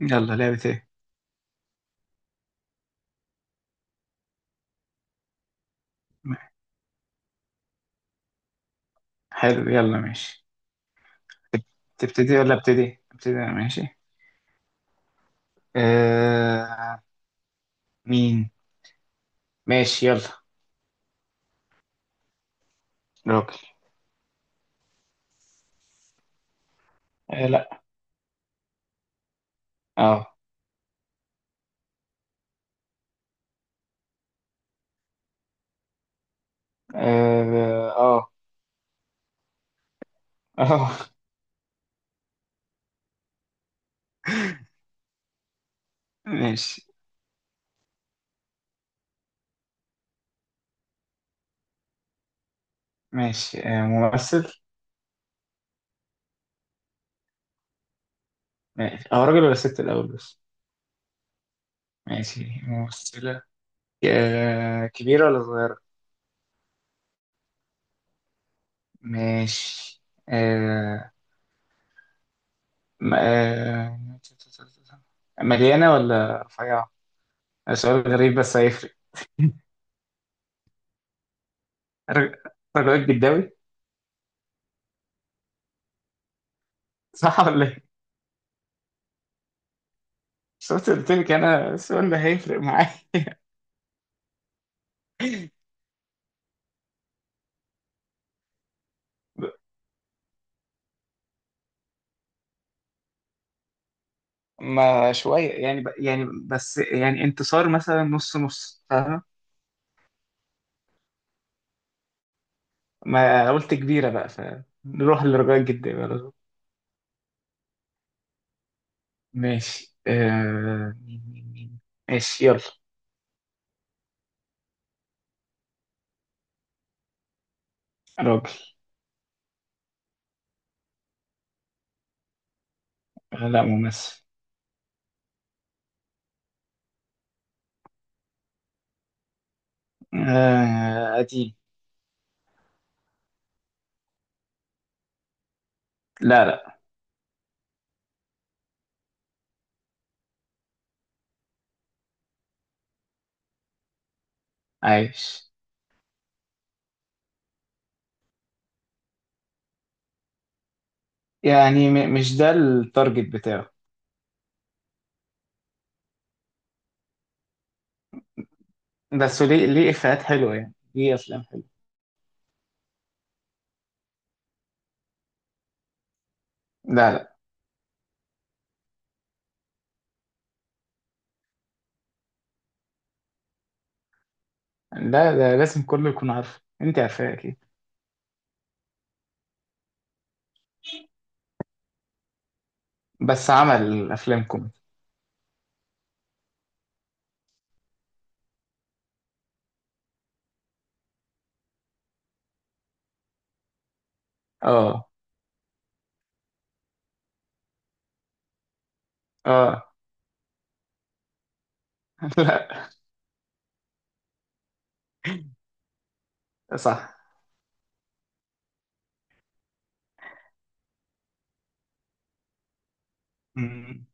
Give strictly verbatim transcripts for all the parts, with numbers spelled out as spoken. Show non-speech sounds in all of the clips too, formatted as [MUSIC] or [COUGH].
يلا لعبة ايه؟ حلو يلا ماشي. تب- تبتدي ولا ابتدي؟ ابتدي انا ماشي. آه، مين؟ ماشي يلا. راجل. آه لا. اه اه اه. آه. [LAUGHS] ماشي ماشي. آه ممثل. ماشي اه، راجل ولا ست الاول بس؟ ماشي ممثلة. آه كبيرة ولا صغيرة؟ ماشي. آه. م- آه مليانة ولا رفيعة؟ سؤال غريب بس هيفرق. [LAUGHS] رج- رجاء الجداوي. [LAUGHS] صح ولا ايه؟ بس أنت قلت لك انا السؤال ده هيفرق معايا. [LAUGHS] ما شويه يعني ب... يعني بس يعني انتصار مثلا نص نص فاهمة؟ ما قلت كبيره بقى فنروح لرجاء الجداوي على طول. ماشي. آه... مين- مين- مين؟ ماشي يلا. راجل. لا ممثل. آه... قديم. لا لا. عايش. يعني م... مش ده التارجت بتاعه. بس ليه؟ ليه افيهات حلوه؟ يعني ليه افلام حلوه. لا لا. لا ده لازم كله يكون عارفه، انت عارفاه اكيد. بس عمل افلام كوميدي. اه اه. [LAUGHS] لا صح. مم.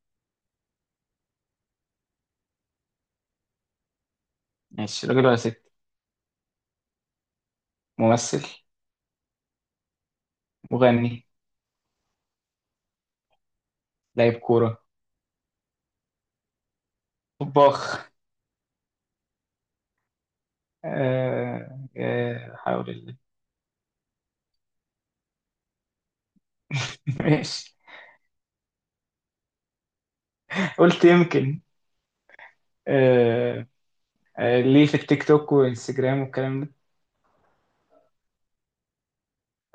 ماشي. راجل ولا ست؟ ممثل. مغني. لاعب كورة. طباخ. آه آه حول الله. [LAUGHS] ماشي قلت يمكن. آه آه، ليه في التيك توك وانستجرام والكلام ده؟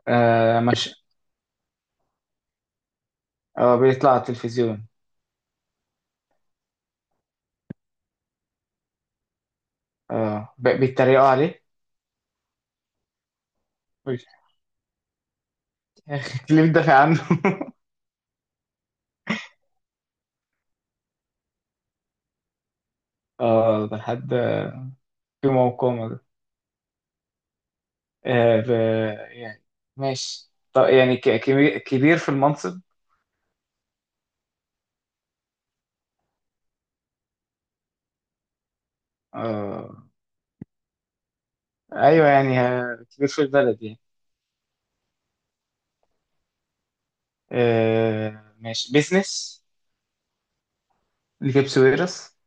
آه مش اه بيطلع على التلفزيون. اه ب- بيتريقوا عليه. [LAUGHS] يا اخي ليه بتدافع عنه؟ [LAUGHS] اه ده حد في موقعه. آه ب... يعني ماشي. طب يعني ك... كبير كبير في المنصب؟ آه ايوه يعني، آه، كبير في البلد يعني. آه ماشي، بيزنس. لجيبس ويرس؟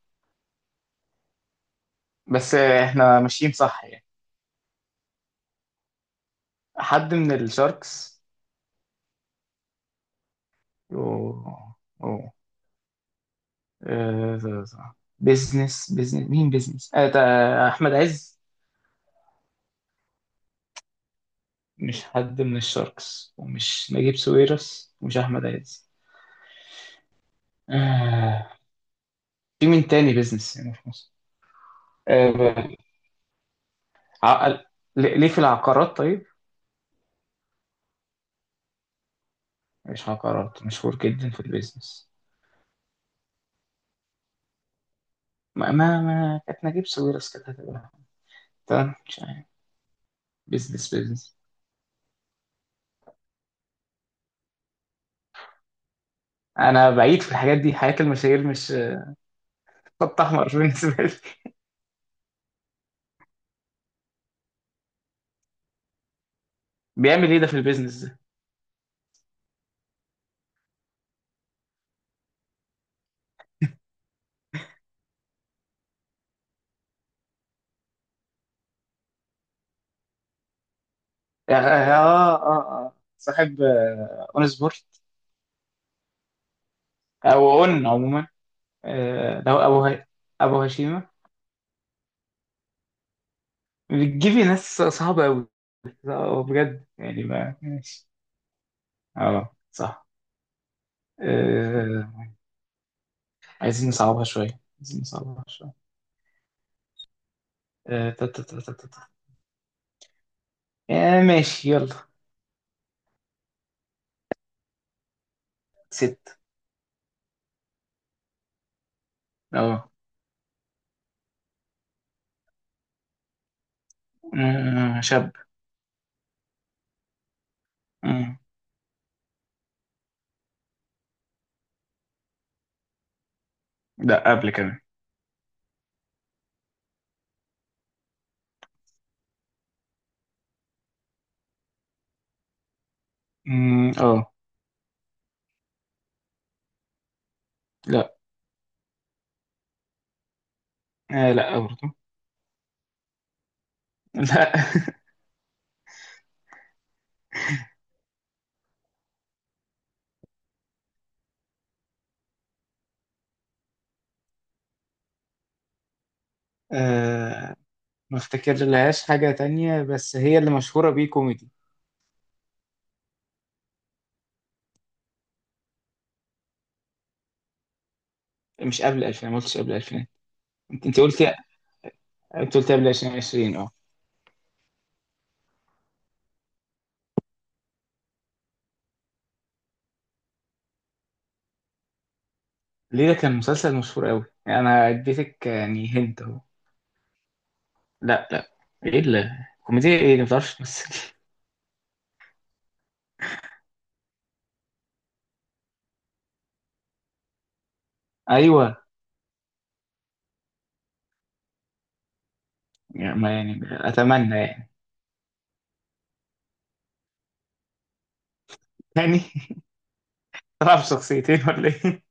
بس آه احنا ماشيين صح يعني. حد من الشاركس؟ و... و... آه ز- ز- بيزنس بيزنس، مين بيزنس آه ده؟ احمد عز. مش حد من الشاركس ومش نجيب ساويرس ومش احمد عز. آه في مين تاني بيزنس هنا في مصر؟ آه، عقل. ليه ليه في العقارات طيب؟ مش عقارات؟ مشهور جدا في البيزنس. ما ما, ما كانت نجيب ساويرس كده هتبقى. تمام، مش عارف. بيزنس بيزنس. انا بعيد في الحاجات دي، حياة المشاهير مش خط احمر بالنسبة لي. [LAUGHS] بيعمل ايه ده في البيزنس ده؟ يعني اه اه اه صاحب آه، اون سبورت. او اون عموما. آه، ده هو ابو ه- ابو هشيمة. بتجيبي ناس صعبة قوي بجد يعني، ما ماشي. اه صح. آه، عايزين نصعبها شوية، عايزين نصعبها شوية. آه، تا- تا- تا- تا- تا- تا. آه، ماشي يلا. ست. اه آه، شاب. آه. لا قبل كمان. مم، اه. لا. آه، لا برضه. [LAUGHS] لا. آه، ما افتكر لهاش حاجة تانية، بس هي اللي مشهورة بيه كوميدي. مش قبل ألفين، ما قلتش قبل ألفين. انت انت قلتي، انت قلتي قبل ألفين وعشرين. اه ليه ده كان مسلسل مشهور قوي، انا اديتك يعني هنت اهو. لا لا. ايه اللي؟ كوميديا ايه اللي ما بتعرفش تمثل؟ [LAUGHS] ايوه يعني، ما يعني اتمنى يعني. تاني. [LAUGHS] طلع بشخصيتين ولا ايه؟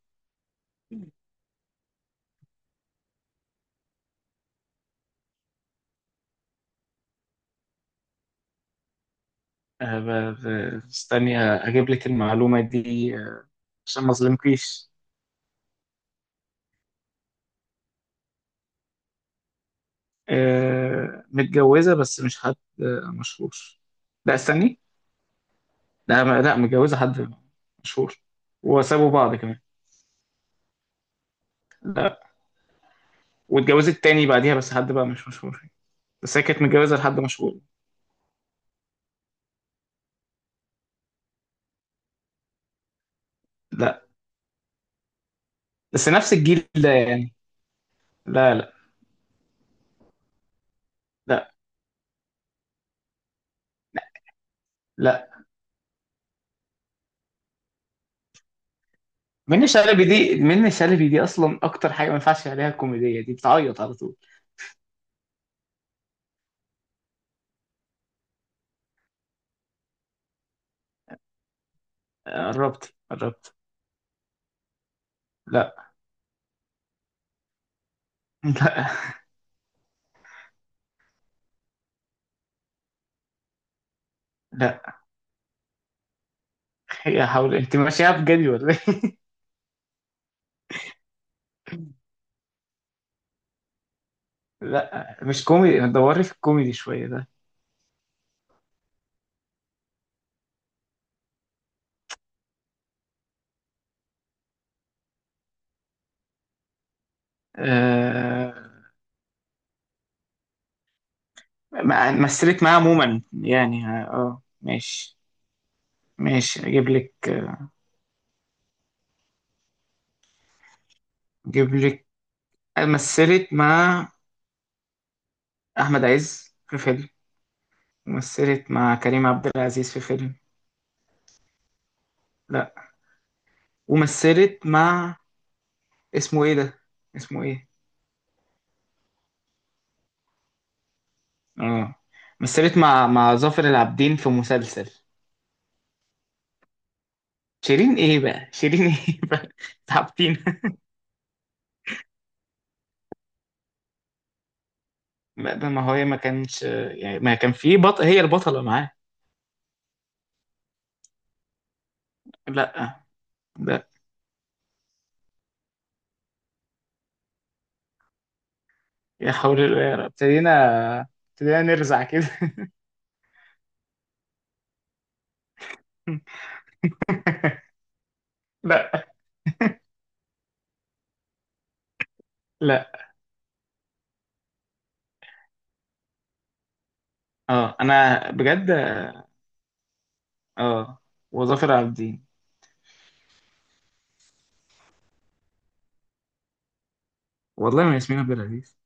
آه، ب- ب- استني آه، اجيب لك المعلومه دي آه، عشان ما اظلمكيش. آه، متجوزه بس مش حد آه، مشهور. لا استني. لا ما- لا متجوزه حد مشهور، وسابوا بعض كمان. لا، واتجوزت تاني بعديها بس حد بقى مش مشهور، بس هي كانت متجوزه لحد مشهور. لا بس نفس الجيل ده يعني. لا لا. لا لا. منة شلبي دي، منة شلبي دي اصلا اكتر حاجه ما ينفعش عليها الكوميديه دي، بتعيط على طول. آه، قربت قربت. لا لا. لا هي، حاول انت ماشيها بجد ولا ايه؟ [LAUGHS] لا مش كوميدي، ما تدوري في الكوميدي شويه ده. آه... ما- مثلت معاه عموما يعني اه آه، ماشي. ماشي اجيب لك، اجيب لك. مثلت مع احمد عز في فيلم، ومثلت مع كريم عبد العزيز في فيلم. لا. ومثلت مع، اسمه ايه ده، اسمه ايه. اه مثلت مع مع ظافر العابدين في مسلسل. شيرين ايه بقى، شيرين ايه بقى؟ [LAUGHS] تعبتين. ما ما هو هي ما كانش يعني ما كان في بط... هي البطلة معاه. لا لا. يا حول الله يا رب، ابتدينا، ابتدينا نرزع كده. [LAUGHS] لا لا. اه انا بجد. اه وظافر العابدين. والله ما ياسمين عبد العزيز.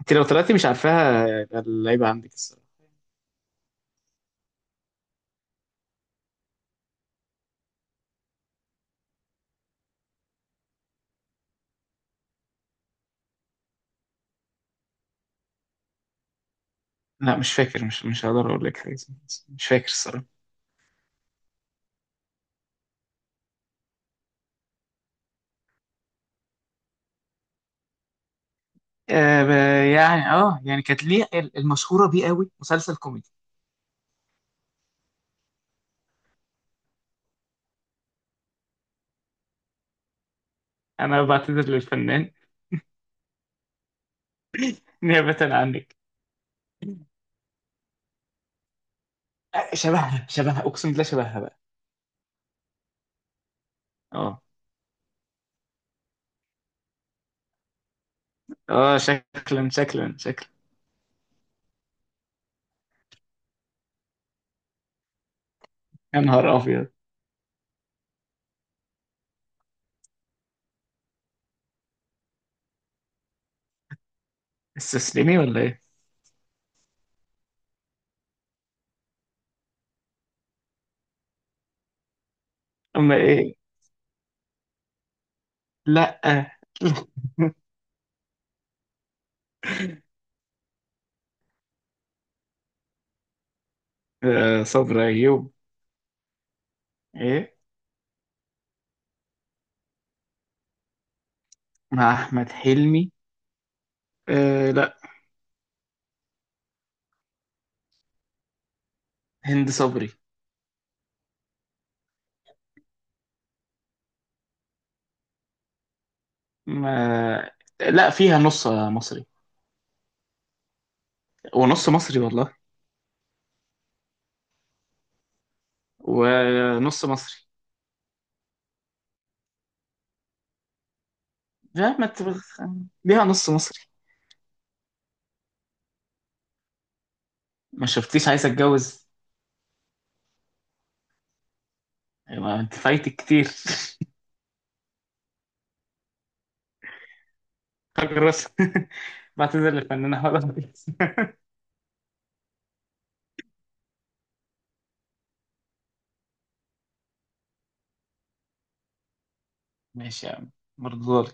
انت لو طلعتي مش عارفاها يبقى اللعيبة عندك الصراحة. لا مش فاكر، مش مش هقدر اقول لك حاجة اسمها- مش فاكر الصراحة. آه، ب- يعني اه يعني كانت ليه ال- المشهوره بيه قوي مسلسل كوميدي. انا بعتذر للفنان نيابه عنك. آه، شبهها شبهها اقسم بالله، شبهها بقى. اه اه شكلا شكلا شكلا. يا نهار ابيض. استسلمي ولا ايه؟ اما ايه. لا. [LAUGHS] آه، صبري ايوب؟ ايه، مع احمد حلمي؟ آه لا. هند صبري. ما لا فيها نص مصري ونص مصري والله، ونص مصري. مش عارف، ما ت- ليها نص مصري. ما شفتيش عايز اتجوز. ايوه انت فايتك كتير. [LAUGHS] حاجة راسك. [LAUGHS] بعتذر للفنانة هدى [LAUGHS] رئيس. ماشي يا عم برضه.